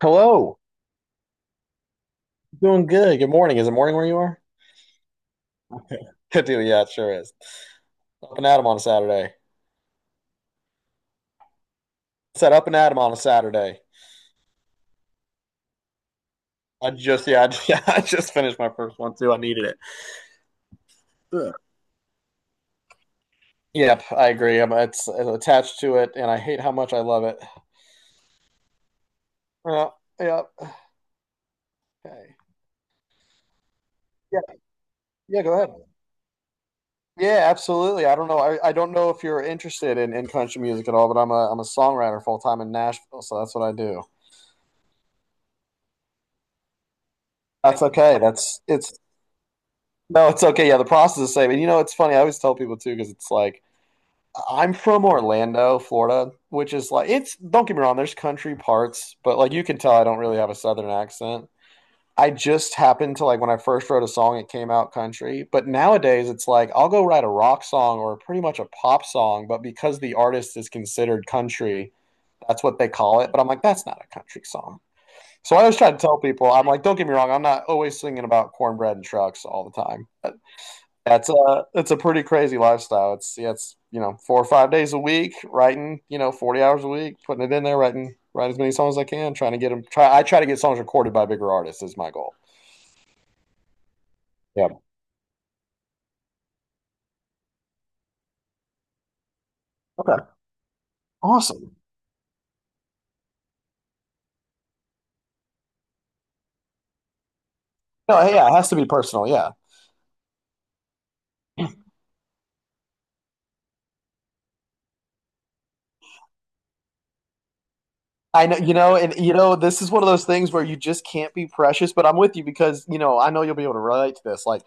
Hello. Doing good. Good morning. Is it morning where you are? Good deal. Yeah, it sure is. Up and at 'em on a Saturday. Said up and at 'em on a Saturday. I just yeah, I, I just finished my first one too. I needed it. Ugh. Yep, I agree. It's attached to it, and I hate how much I love it. Yeah, yeah. Okay. Yeah, yeah. Go ahead. Yeah, absolutely. I don't know. I don't know if you're interested in country music at all, but I'm a songwriter full time in Nashville, so that's what I do. That's okay. That's it's No, it's okay. Yeah, the process is the same. And you know, it's funny. I always tell people too, because it's like, I'm from Orlando, Florida, which is like it's. Don't get me wrong. There's country parts, but like you can tell, I don't really have a southern accent. I just happened to, like, when I first wrote a song, it came out country. But nowadays, it's like I'll go write a rock song or pretty much a pop song, but because the artist is considered country, that's what they call it. But I'm like, that's not a country song. So I always try to tell people, I'm like, don't get me wrong, I'm not always singing about cornbread and trucks all the time. That's a it's a pretty crazy lifestyle. It's you know 4 or 5 days a week, writing you know 40 hours a week, putting it in there, writing write as many songs as I can, trying to get them. Try I try to get songs recorded by bigger artists is my goal. Yeah. Okay. Awesome. No, hey, yeah, it has to be personal. Yeah. I know, you know, and you know, this is one of those things where you just can't be precious. But I'm with you, because you know I know you'll be able to relate to this. Like,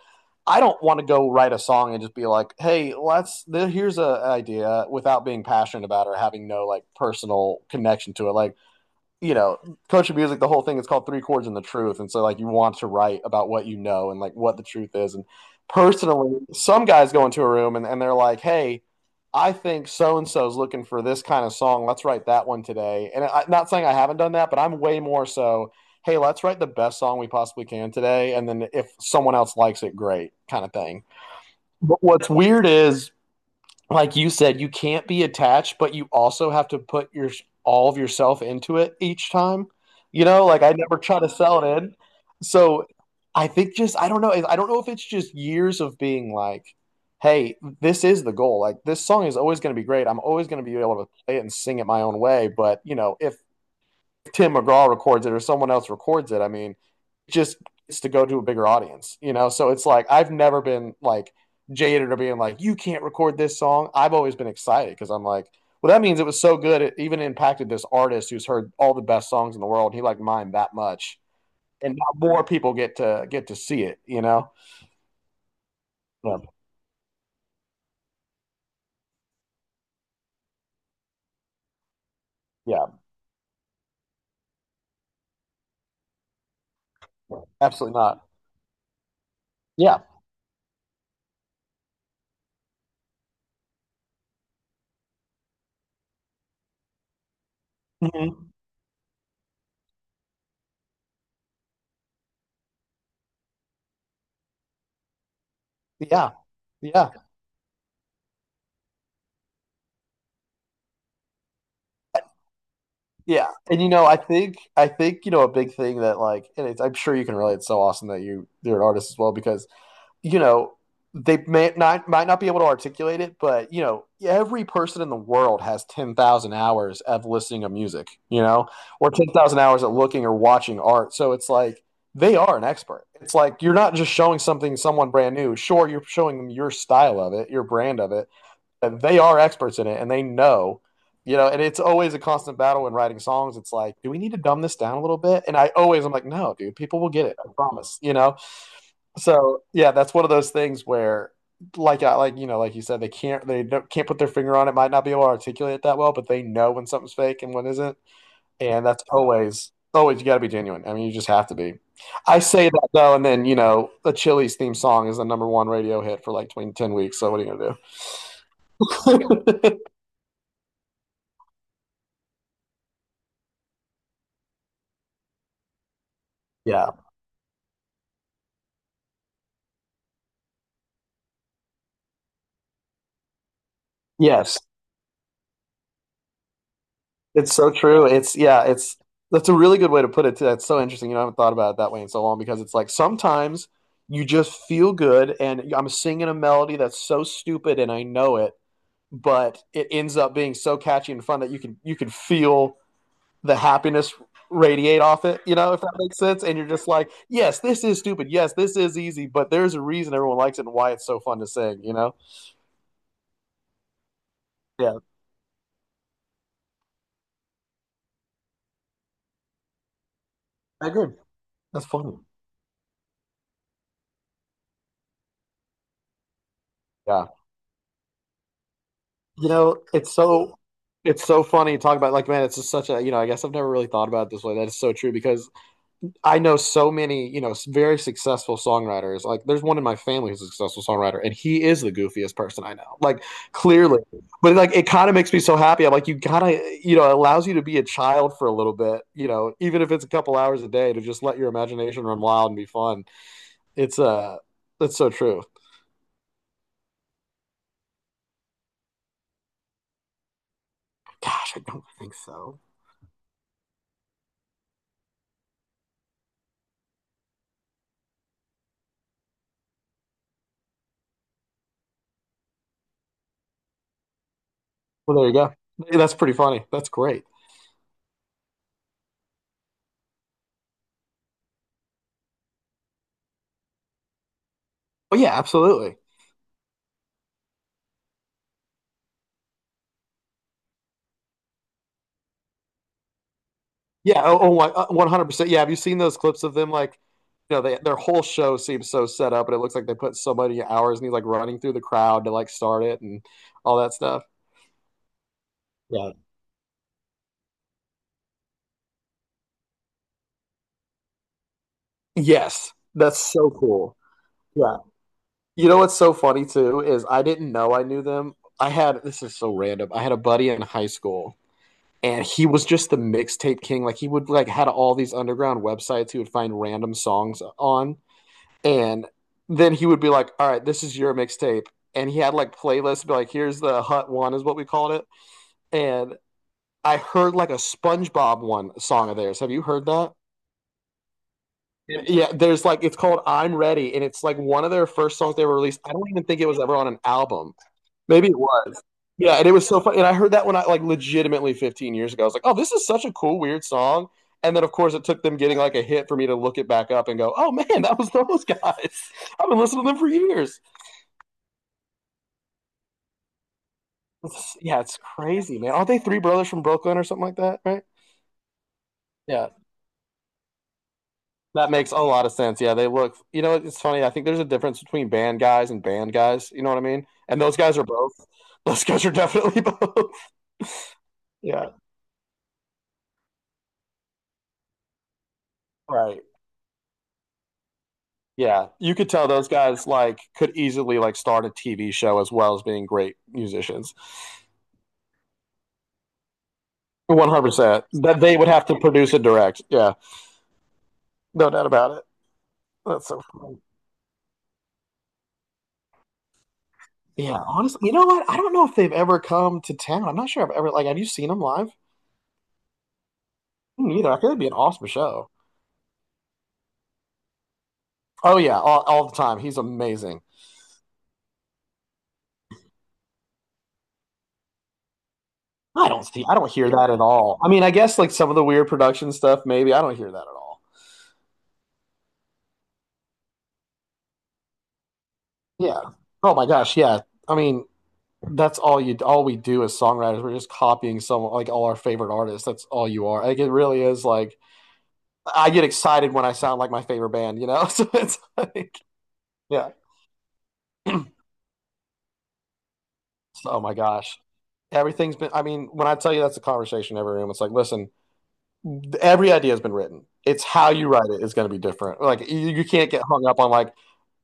I don't want to go write a song and just be like, "Hey, let's here's an idea," without being passionate about it or having no like personal connection to it. Like, you know, coaching music, the whole thing is called Three Chords and the Truth. And so, like, you want to write about what you know and, like, what the truth is. And personally, some guys go into a room and they're like, hey, I think so and so's looking for this kind of song. Let's write that one today. And I'm not saying I haven't done that, but I'm way more so, hey, let's write the best song we possibly can today. And then if someone else likes it, great kind of thing. But what's weird is, like you said, you can't be attached, but you also have to put your all of yourself into it each time. You know, like I never try to sell it in. So I think just, I don't know. I don't know if it's just years of being like, hey, this is the goal. Like, this song is always going to be great. I'm always going to be able to play it and sing it my own way. But you know, if Tim McGraw records it or someone else records it, I mean, it just it's to go to a bigger audience, you know? So it's like I've never been like jaded or being like, you can't record this song. I've always been excited because I'm like, well, that means it was so good. It even impacted this artist who's heard all the best songs in the world. He liked mine that much. And more people get to see it, you know? Yeah, yeah, absolutely not. Yeah. Mm-hmm. Yeah. Yeah. Yeah, and you know, I think you know a big thing that, like, and it's, I'm sure you can relate. It's so awesome that you're an artist as well, because you know they may not might not be able to articulate it, but you know every person in the world has 10,000 hours of listening to music, you know, or 10,000 hours at looking or watching art. So it's like they are an expert. It's like you're not just showing something someone brand new. Sure, you're showing them your style of it, your brand of it, and they are experts in it, and they know, you know, and it's always a constant battle when writing songs. It's like, do we need to dumb this down a little bit? And I'm like, no dude, people will get it, I promise, you know? So yeah, that's one of those things where, like I, like, you know, like you said, they can't, they don't, can't put their finger on it, might not be able to articulate it that well, but they know when something's fake and when isn't. And that's always, always, you got to be genuine, I mean, you just have to be. I say that, though, and then you know the Chili's theme song is the number one radio hit for like 2010 weeks, so what are you gonna do? Yeah. Yes, it's so true. It's yeah, it's That's a really good way to put it too. That's so interesting. You know, I haven't thought about it that way in so long, because it's like sometimes you just feel good and I'm singing a melody that's so stupid and I know it, but it ends up being so catchy and fun that you can feel the happiness radiate off it, you know, if that makes sense. And you're just like, yes, this is stupid. Yes, this is easy, but there's a reason everyone likes it and why it's so fun to sing, you know? Yeah, I agree. That's funny. Yeah. You know, it's so funny to talk about. Like, man, it's just such a, you know, I guess I've never really thought about it this way. That is so true, because I know so many, you know, very successful songwriters. Like, there's one in my family who's a successful songwriter, and he is the goofiest person I know. Like, clearly. But like, it kind of makes me so happy. I'm like, you got to, you know, it allows you to be a child for a little bit, you know, even if it's a couple hours a day, to just let your imagination run wild and be fun. It's That's so true. Gosh, I don't think so. Well, there you go. That's pretty funny. That's great. Oh yeah, absolutely. Yeah. 100%. Yeah. Have you seen those clips of them? Like, you know, their whole show seems so set up, and it looks like they put so many hours, and he's like running through the crowd to like start it and all that stuff. Yeah. Yes. That's so cool. Yeah. You know what's so funny too is I didn't know I knew them. This is so random. I had a buddy in high school, and he was just the mixtape king. Like, he would like had all these underground websites he would find random songs on. And then he would be like, "All right, this is your mixtape." And he had like playlists, be like, "Here's the Hut One," is what we called it. And I heard like a SpongeBob one song of theirs. Have you heard that? Yeah. Yeah, there's like, it's called "I'm Ready," and it's like one of their first songs they ever released. I don't even think it was ever on an album. Maybe it was. Yeah, and it was so funny. And I heard that when I, like, legitimately 15 years ago. I was like, "Oh, this is such a cool, weird song." And then, of course, it took them getting like a hit for me to look it back up and go, "Oh man, that was those guys. I've been listening to them for years." Yeah, it's crazy, man. Aren't they three brothers from Brooklyn or something like that, right? Yeah, that makes a lot of sense. Yeah, they look, you know, it's funny. I think there's a difference between band guys and band guys. You know what I mean? And those guys are both. Those guys are definitely both. Yeah, right. Yeah, you could tell those guys like could easily like start a TV show as well as being great musicians. 100%. That they would have to produce and direct. Yeah, no doubt about it. That's so funny. Yeah, honestly, you know what? I don't know if they've ever come to town. I'm not sure I've ever like. Have you seen him live? Me neither. I think it'd be an awesome show. Oh yeah, all the time. He's amazing. I don't see. I don't hear that at all. I mean, I guess like some of the weird production stuff. Maybe. I don't hear that at all. Yeah. Oh my gosh. Yeah. I mean, that's all you. All we do as songwriters, we're just copying someone, like all our favorite artists. That's all you are. Like, it really is. Like, I get excited when I sound like my favorite band. You know. So it's like, yeah. So, oh my gosh. I mean, when I tell you, that's a conversation in every room. It's like, listen, every idea has been written. It's how you write it is going to be different. Like, you can't get hung up on, like,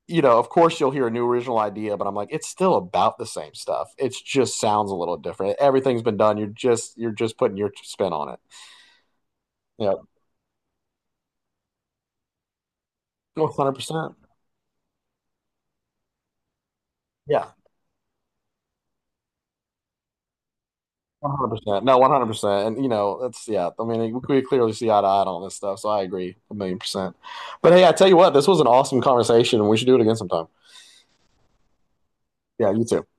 you know, of course you'll hear a new original idea, but I'm like, it's still about the same stuff. It just sounds a little different. Everything's been done. You're just putting your spin on it. Yeah. 100%. Yeah. 100%. No, 100%. And, you know, yeah. I mean, we clearly see eye to eye on this stuff. So I agree a million percent. But hey, I tell you what, this was an awesome conversation, and we should do it again sometime. Yeah. You too.